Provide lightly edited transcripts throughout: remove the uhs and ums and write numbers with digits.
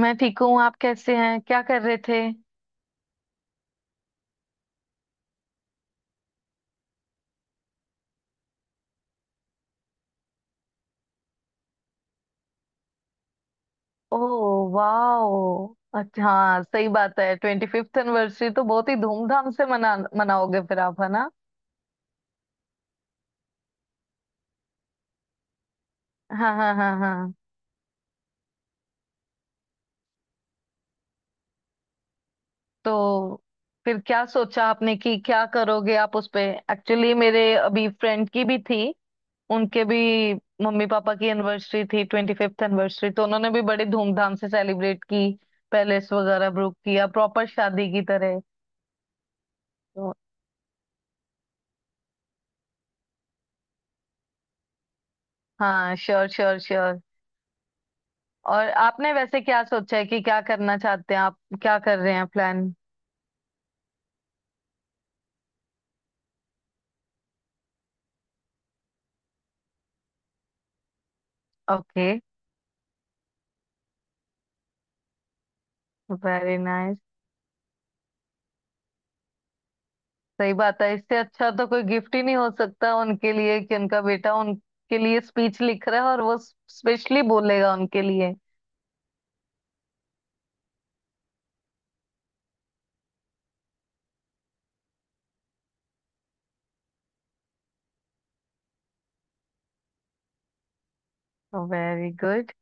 मैं ठीक हूँ। आप कैसे हैं? क्या कर रहे थे? ओह वाह, अच्छा, हाँ सही बात है। ट्वेंटी फिफ्थ एनिवर्सरी तो बहुत ही धूमधाम से मना मनाओगे फिर आप, है ना? हाँ हाँ हाँ हाँ। तो फिर क्या सोचा आपने कि क्या करोगे आप उस पे? एक्चुअली मेरे अभी फ्रेंड की भी थी। उनके भी मम्मी पापा की एनिवर्सरी थी, ट्वेंटी फिफ्थ एनिवर्सरी, तो उन्होंने भी बड़े धूमधाम से सेलिब्रेट की। पैलेस वगैरह बुक किया, प्रॉपर शादी की तरह। तो हाँ, श्योर श्योर श्योर। और आपने वैसे क्या सोचा है कि क्या करना चाहते हैं आप? क्या कर रहे हैं प्लान? ओके। Very nice. सही बात है, इससे अच्छा तो कोई गिफ्ट ही नहीं हो सकता उनके लिए कि उनका बेटा उनके लिए स्पीच लिख रहा है और वो स्पेशली बोलेगा उनके लिए। Very good.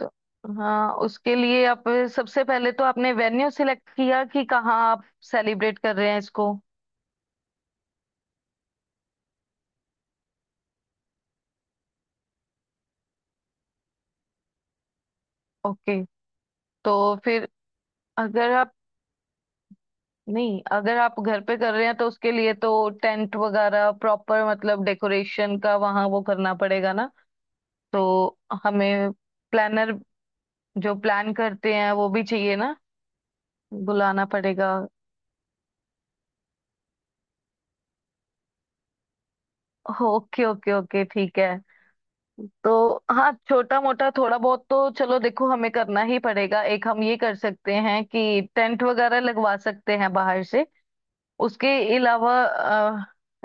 तो हाँ, उसके लिए आप सबसे पहले तो आपने वेन्यू सिलेक्ट किया कि कहाँ आप सेलिब्रेट कर रहे हैं इसको? ओके। तो फिर, अगर आप, नहीं अगर आप घर पे कर रहे हैं तो उसके लिए तो टेंट वगैरह प्रॉपर, मतलब डेकोरेशन का वहाँ वो करना पड़ेगा ना। तो हमें प्लानर, जो प्लान करते हैं वो भी चाहिए ना, बुलाना पड़ेगा। ओके ओके ओके, ठीक है। तो हाँ, छोटा मोटा थोड़ा बहुत तो चलो देखो, हमें करना ही पड़ेगा। एक हम ये कर सकते हैं कि टेंट वगैरह लगवा सकते हैं बाहर से। उसके अलावा,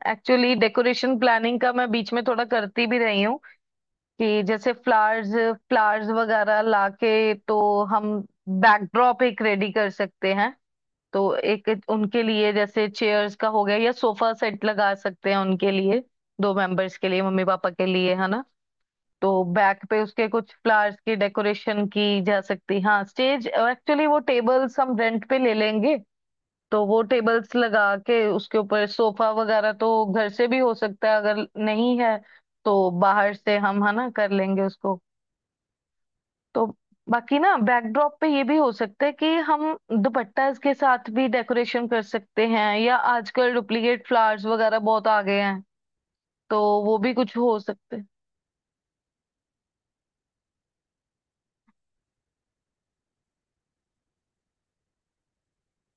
एक्चुअली डेकोरेशन प्लानिंग का मैं बीच में थोड़ा करती भी रही हूँ, कि जैसे फ्लावर्स, फ्लावर्स वगैरह लाके तो हम बैकड्रॉप एक रेडी कर सकते हैं। तो एक उनके लिए जैसे चेयर्स का हो गया या सोफा सेट लगा सकते हैं उनके लिए, दो मेंबर्स के लिए, मम्मी पापा के लिए, है ना। तो बैक पे उसके कुछ फ्लावर्स की डेकोरेशन की जा सकती। हाँ, स्टेज एक्चुअली वो टेबल्स हम रेंट पे ले लेंगे। तो वो टेबल्स लगा के उसके ऊपर सोफा वगैरह तो घर से भी हो सकता है, अगर नहीं है तो बाहर से हम, है ना, कर लेंगे उसको। तो बाकी ना, बैकड्रॉप पे ये भी हो सकता है कि हम दुपट्टा इसके साथ भी डेकोरेशन कर सकते हैं, या आजकल डुप्लीकेट फ्लावर्स वगैरह बहुत आ गए हैं तो वो भी कुछ हो सकते।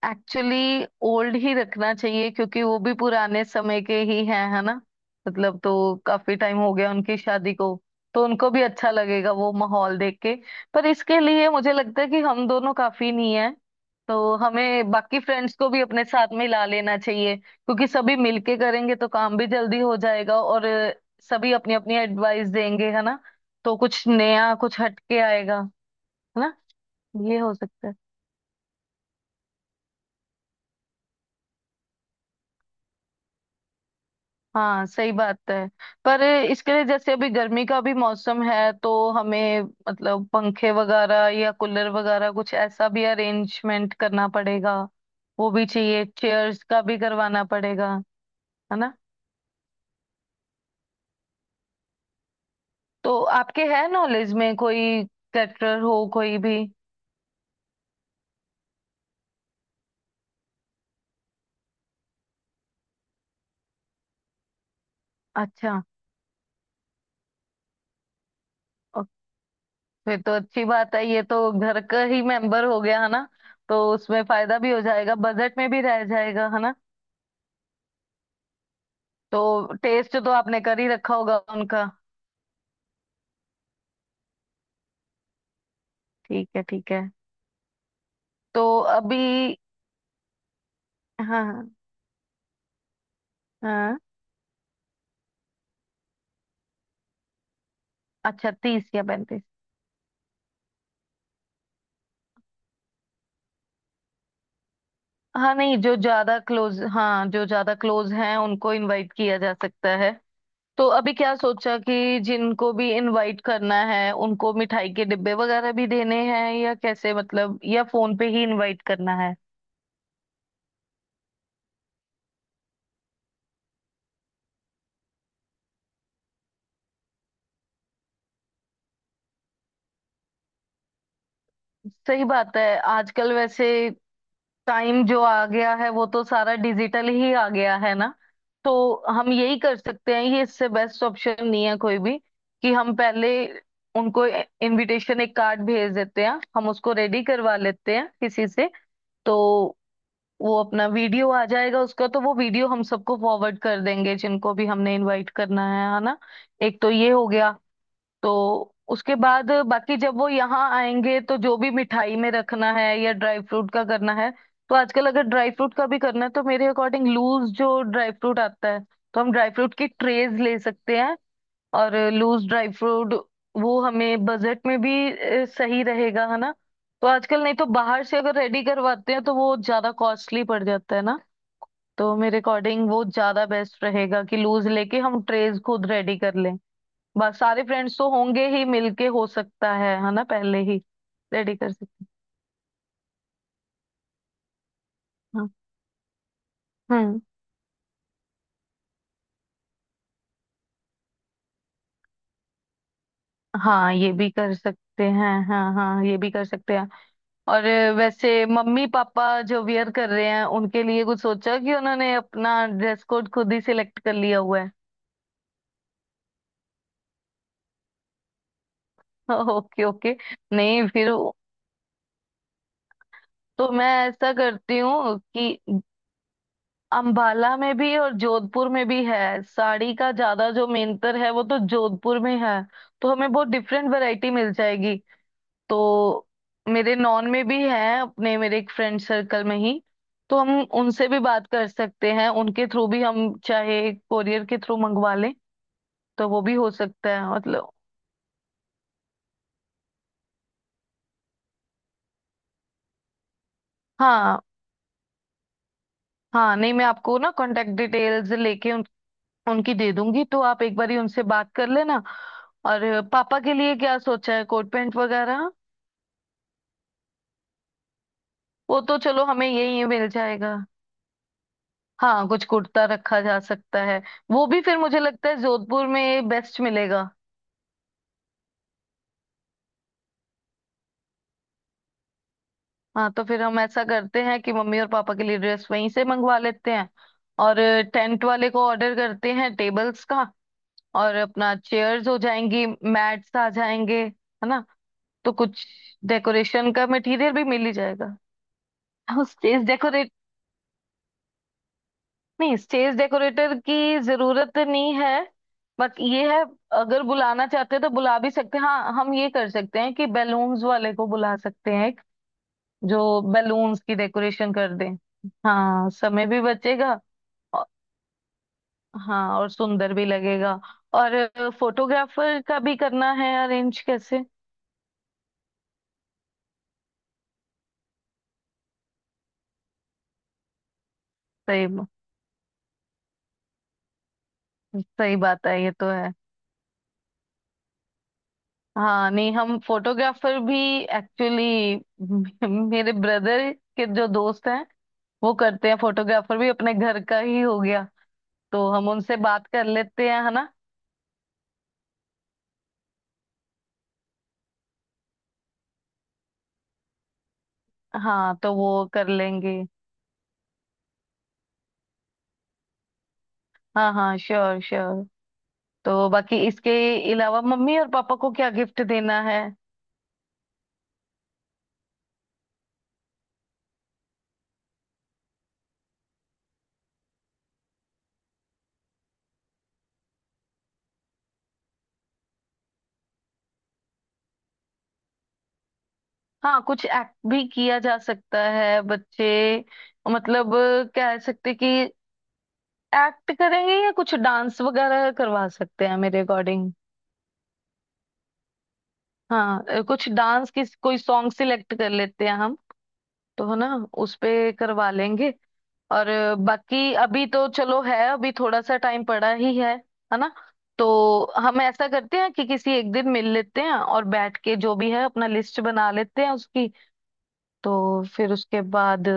एक्चुअली ओल्ड ही रखना चाहिए क्योंकि वो भी पुराने समय के ही हैं, है ना। मतलब तो काफी टाइम हो गया उनकी शादी को, तो उनको भी अच्छा लगेगा वो माहौल देख के। पर इसके लिए मुझे लगता है कि हम दोनों काफी नहीं है, तो हमें बाकी फ्रेंड्स को भी अपने साथ में ला लेना चाहिए, क्योंकि सभी मिलके करेंगे तो काम भी जल्दी हो जाएगा और सभी अपनी अपनी एडवाइस देंगे, है ना। तो कुछ नया, कुछ हटके आएगा। है ना, ये हो सकता है। हाँ सही बात है। पर इसके लिए जैसे अभी गर्मी का भी मौसम है, तो हमें मतलब पंखे वगैरह या कूलर वगैरह कुछ ऐसा भी अरेंजमेंट करना पड़ेगा। वो भी चाहिए, चेयर्स का भी करवाना पड़ेगा, है ना। तो आपके है नॉलेज में कोई कैटरर हो, कोई भी? अच्छा। ओ, फिर तो अच्छी बात है, ये तो घर का ही मेंबर हो गया, है ना। तो उसमें फायदा भी हो जाएगा, बजट में भी रह जाएगा, है ना। तो टेस्ट तो आपने कर ही रखा होगा उनका। ठीक है, ठीक है। तो अभी, हाँ हाँ, हाँ, अच्छा तीस या पैंतीस। हाँ नहीं, जो ज्यादा क्लोज, हाँ जो ज्यादा क्लोज हैं उनको इनवाइट किया जा सकता है। तो अभी क्या सोचा कि जिनको भी इनवाइट करना है उनको मिठाई के डिब्बे वगैरह भी देने हैं, या कैसे मतलब, या फोन पे ही इनवाइट करना है? सही बात है। आजकल वैसे टाइम जो आ गया है वो तो सारा डिजिटल ही आ गया है ना। तो हम यही कर सकते हैं, ये इससे बेस्ट ऑप्शन नहीं है कोई भी। कि हम पहले उनको इनविटेशन एक कार्ड भेज देते हैं, हम उसको रेडी करवा लेते हैं किसी से। तो वो अपना वीडियो आ जाएगा उसका, तो वो वीडियो हम सबको फॉरवर्ड कर देंगे जिनको भी हमने इनवाइट करना है ना। एक तो ये हो गया। तो उसके बाद बाकी जब वो यहाँ आएंगे, तो जो भी मिठाई में रखना है या ड्राई फ्रूट का करना है। तो आजकल अगर ड्राई फ्रूट का भी करना है, तो मेरे अकॉर्डिंग लूज जो ड्राई फ्रूट आता है, तो हम ड्राई फ्रूट की ट्रेज ले सकते हैं और लूज ड्राई फ्रूट, वो हमें बजट में भी सही रहेगा, है ना। तो आजकल नहीं तो बाहर से अगर रेडी करवाते हैं तो वो ज्यादा कॉस्टली पड़ जाता है ना। तो मेरे अकॉर्डिंग वो ज्यादा बेस्ट रहेगा कि लूज लेके हम ट्रेज खुद रेडी कर लें। बस सारे फ्रेंड्स तो होंगे ही मिलके, हो सकता है ना, पहले ही रेडी कर सकते हैं। हाँ हम्म, हाँ ये भी कर सकते हैं, हाँ हाँ ये भी कर सकते हैं। और वैसे मम्मी पापा जो वियर कर रहे हैं, उनके लिए कुछ सोचा, कि उन्होंने अपना ड्रेस कोड खुद ही सिलेक्ट कर लिया हुआ है? Okay okay. नहीं फिर तो मैं ऐसा करती हूँ कि, अंबाला में भी और जोधपुर में भी है साड़ी का, ज्यादा जो मेंटर है वो तो जोधपुर में है, तो हमें बहुत डिफरेंट वैरायटी मिल जाएगी। तो मेरे नॉन में भी है, अपने मेरे एक फ्रेंड सर्कल में ही, तो हम उनसे भी बात कर सकते हैं, उनके थ्रू भी हम चाहे कोरियर के थ्रू मंगवा लें। तो वो भी हो सकता है मतलब। हाँ, हाँ नहीं मैं आपको ना कांटेक्ट डिटेल्स लेके उनकी दे दूंगी, तो आप एक बारी उनसे बात कर लेना। और पापा के लिए क्या सोचा है, कोट पैंट वगैरह? वो तो चलो हमें यही मिल जाएगा। हाँ, कुछ कुर्ता रखा जा सकता है। वो भी फिर मुझे लगता है जोधपुर में बेस्ट मिलेगा। हाँ तो फिर हम ऐसा करते हैं कि मम्मी और पापा के लिए ड्रेस वहीं से मंगवा लेते हैं। और टेंट वाले को ऑर्डर करते हैं टेबल्स का, और अपना चेयर्स हो जाएंगी, मैट्स आ जाएंगे, है ना। तो कुछ डेकोरेशन का मटेरियल भी मिल ही जाएगा। हाँ, स्टेज, नहीं स्टेज डेकोरेटर की जरूरत नहीं है, बट ये है, अगर बुलाना चाहते हैं तो बुला भी सकते हैं। हाँ हम ये कर सकते हैं कि बैलून्स वाले को बुला सकते हैं, जो बैलून्स की डेकोरेशन कर दें। हाँ समय भी बचेगा। औ- हाँ और सुंदर भी लगेगा। और फोटोग्राफर का भी करना है अरेंज, कैसे? सही ब- सही बात है, ये तो है। हाँ नहीं, हम फोटोग्राफर भी, एक्चुअली, मेरे ब्रदर के जो दोस्त हैं वो करते हैं, फोटोग्राफर भी अपने घर का ही हो गया। तो हम उनसे बात कर लेते हैं, है ना। हाँ तो वो कर लेंगे। हाँ हाँ श्योर श्योर। तो बाकी इसके अलावा मम्मी और पापा को क्या गिफ्ट देना है? हाँ, कुछ एक्ट भी किया जा सकता है, बच्चे, मतलब, कह सकते कि एक्ट करेंगे, या कुछ डांस वगैरह करवा सकते हैं मेरे अकॉर्डिंग। हाँ, कुछ डांस की कोई सॉन्ग सिलेक्ट कर लेते हैं हम, तो है ना, उस पे करवा लेंगे। और बाकी अभी तो चलो है, अभी थोड़ा सा टाइम पड़ा ही है ना। तो हम ऐसा करते हैं कि किसी एक दिन मिल लेते हैं और बैठ के जो भी है अपना लिस्ट बना लेते हैं उसकी। तो फिर उसके बाद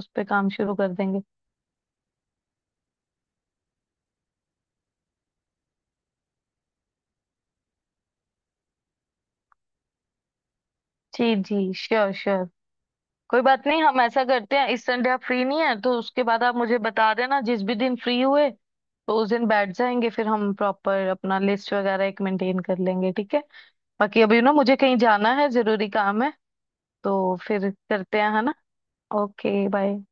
उस पे काम शुरू कर देंगे। जी जी, श्योर श्योर। कोई बात नहीं, हम ऐसा करते हैं, इस संडे आप फ्री नहीं है तो उसके बाद आप मुझे बता देना जिस भी दिन फ्री हुए, तो उस दिन बैठ जाएंगे, फिर हम प्रॉपर अपना लिस्ट वगैरह एक मेंटेन कर लेंगे, ठीक है। बाकी अभी ना मुझे कहीं जाना है, जरूरी काम है, तो फिर करते हैं, है ना। Okay bye.